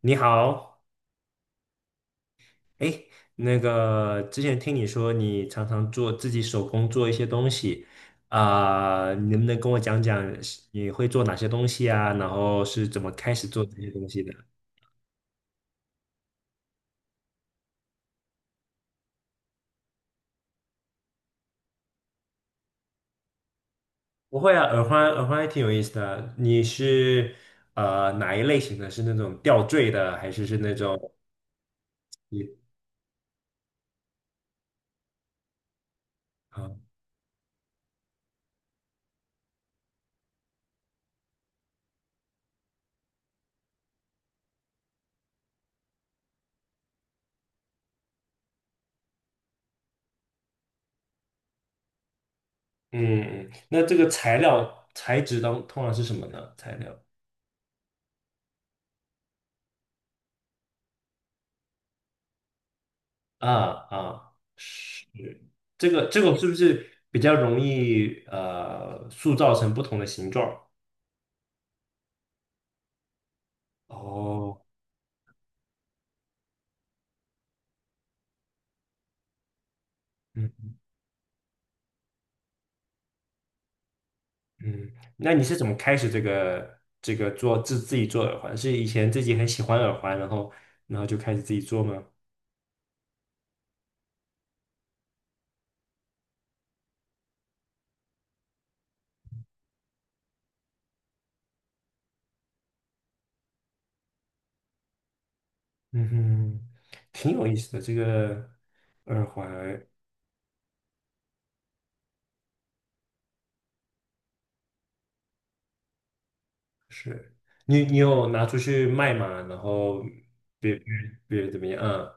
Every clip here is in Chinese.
你好。哎，那个之前听你说你常常做自己手工做一些东西。啊、你能不能跟我讲讲是你会做哪些东西啊？然后是怎么开始做这些东西的？不会啊，耳环还挺有意思的。你是哪一类型的？是那种吊坠的，还是是那种你啊？嗯。嗯，那这个材料材质当通常是什么呢？材料？啊，啊，是，这个是不是比较容易塑造成不同的形状？哦，嗯嗯，那你是怎么开始这个做自己做耳环？是以前自己很喜欢耳环，然后然后就开始自己做吗？嗯哼，挺有意思的这个耳环。是，你你有拿出去卖吗？然后别别别人怎么样？嗯。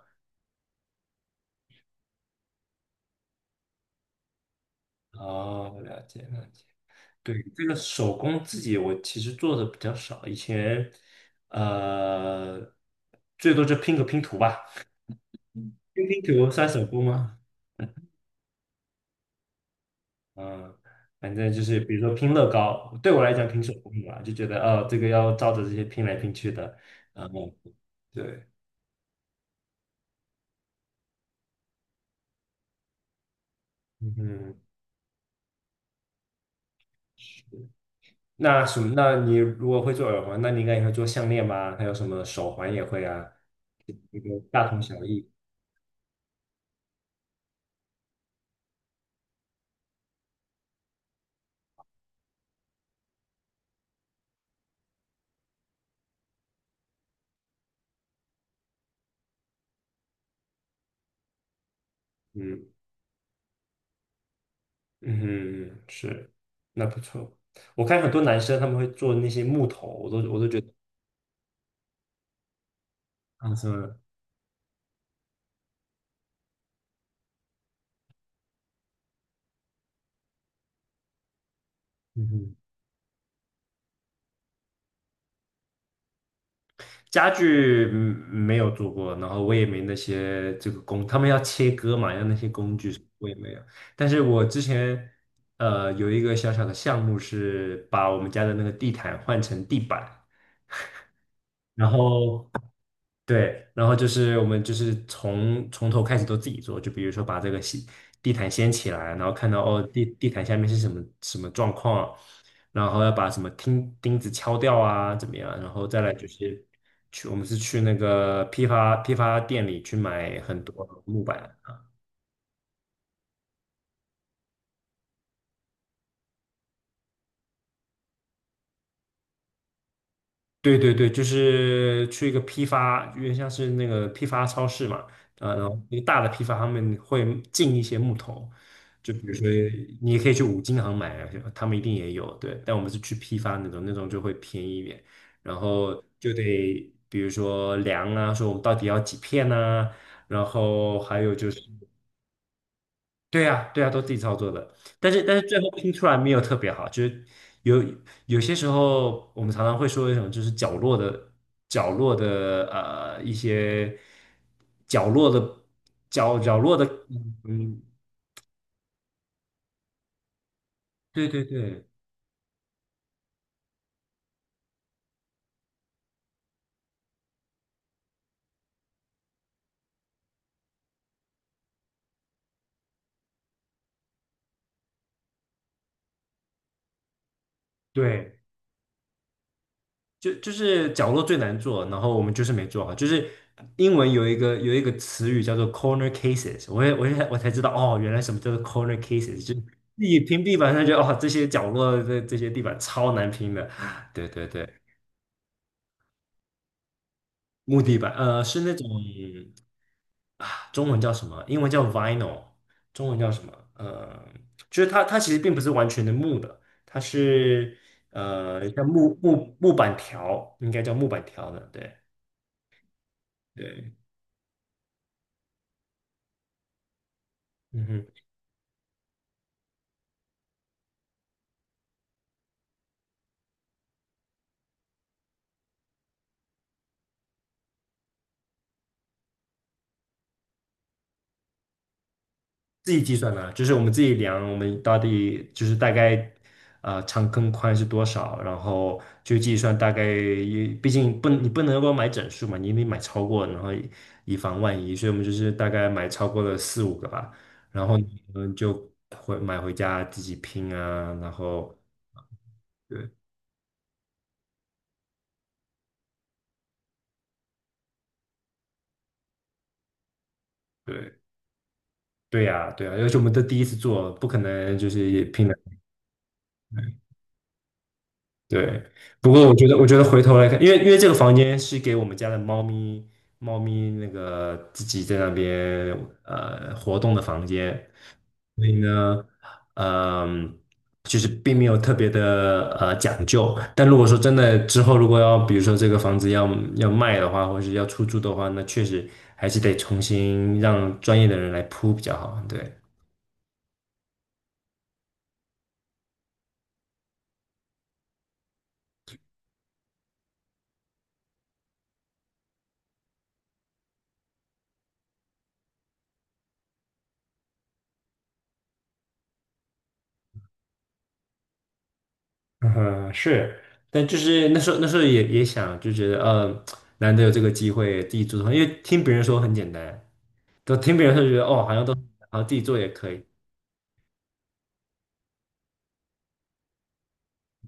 哦，了解了解。对，这个手工自己我其实做的比较少，以前呃最多就拼个拼图吧，拼拼图算手工吗？嗯。反正就是比如说拼乐高，对我来讲拼手工吧，就觉得哦这个要照着这些拼来拼去的，然后对。嗯。那什么？那你如果会做耳环，那你应该也会做项链吧？还有什么手环也会啊，这个大同小异。嗯。嗯，是，那不错。我看很多男生他们会做那些木头，我都觉得啊什么的。嗯哼。家具嗯没有做过，然后我也没那些这个工，他们要切割嘛，要那些工具，我也没有。但是我之前有一个小小的项目是把我们家的那个地毯换成地板。然后对，然后就是我们就是从头开始都自己做，就比如说把这个地毯掀起来，然后看到哦地毯下面是什么什么状况，然后要把什么钉子敲掉啊，怎么样，然后再来就是去，我们是去那个批发店里去买很多木板。对对对，就是去一个批发，有点像是那个批发超市嘛。啊，然后一个大的批发，他们会进一些木头，就比如说你也可以去五金行买啊，他们一定也有。对，但我们是去批发那种，那种就会便宜一点，然后就得比如说量啊，说我们到底要几片呐，然后还有就是。对呀，对呀，都自己操作的，但是最后拼出来没有特别好，就是有，有些时候我们常常会说一种就是角落的，角落的一些角落的，角落的。嗯，对对对对，就就是角落最难做，然后我们就是没做好。就是英文有有一个词语叫做 corner cases。我才知道哦，原来什么叫做 corner cases,就是你平地板上就哦这些角落的这些地板超难拼的，对对对。木地板是那种，中文叫什么？英文叫 vinyl,中文叫什么？就是它其实并不是完全的木的，它是像木板条，应该叫木板条的，对。对。嗯哼。自己计算的，就是我们自己量，我们到底就是大概长跟宽是多少，然后就计算大概也，毕竟不，你不能够买整数嘛，你得买超过，然后以防万一，所以我们就是大概买超过了四五个吧，然后们就买回家自己拼啊。然后对，对对呀，对呀，而且我们都第一次做，不可能就是拼的。对，不过我觉得，我觉得回头来看，因为这个房间是给我们家的猫咪，猫咪那个自己在那边活动的房间。所以呢，嗯、就是并没有特别的讲究。但如果说真的之后如果要，比如说这个房子要要卖的话，或是要出租的话，那确实还是得重新让专业的人来铺比较好。对。嗯，是，但就是那时候也也想，就觉得难得有这个机会自己做的话，因为听别人说很简单，都听别人说觉得哦，好像都，然后自己做也可以。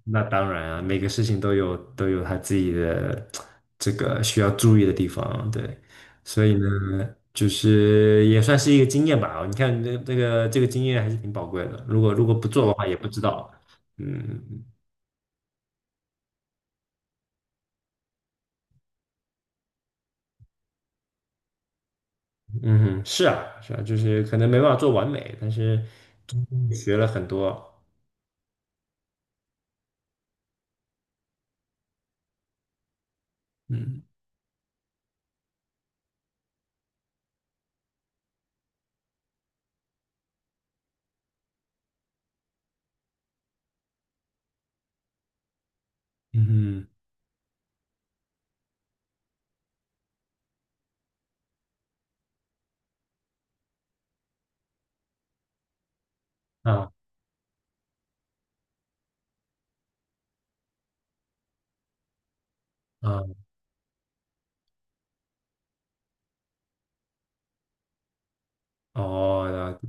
那当然啊，每个事情都有他自己的这个需要注意的地方，对。所以呢，就是也算是一个经验吧。你看这个这个经验还是挺宝贵的，如果如果不做的话，也不知道。嗯，嗯哼，是啊，是啊，就是可能没办法做完美，但是真的学了很多。嗯，嗯哼，啊，啊，哦，了解。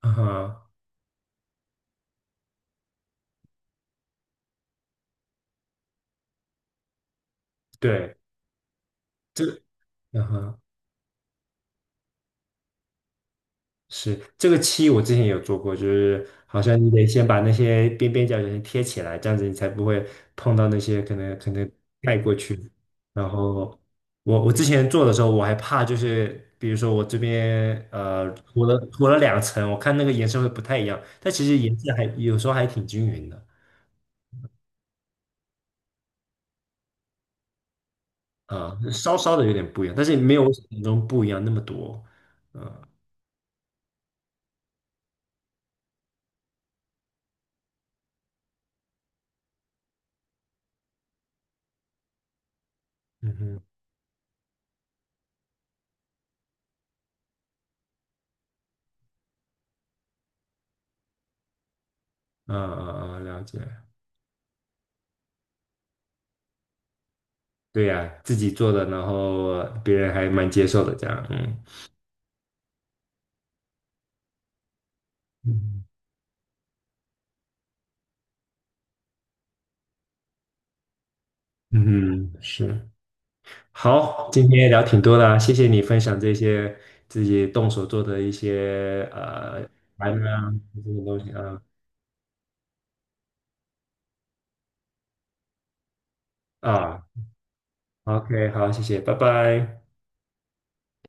啊哈，对，这，啊哈，是，这个漆，我之前也有做过，就是好像你得先把那些边边角角先贴起来，这样子你才不会碰到那些可能可能盖过去。然后我，我之前做的时候，我还怕就是，比如说我这边涂了涂了两层，我看那个颜色会不太一样，但其实颜色还有时候还挺均匀的。啊，稍稍的有点不一样，但是没有我想象中不一样那么多。嗯哼，嗯嗯嗯，了解。对呀，自己做的，然后别人还蛮接受的，这样。嗯，嗯嗯，是，好，今天聊挺多的啊，谢谢你分享这些自己动手做的一些玩啊这些东西啊。啊，OK,好，谢谢，拜拜。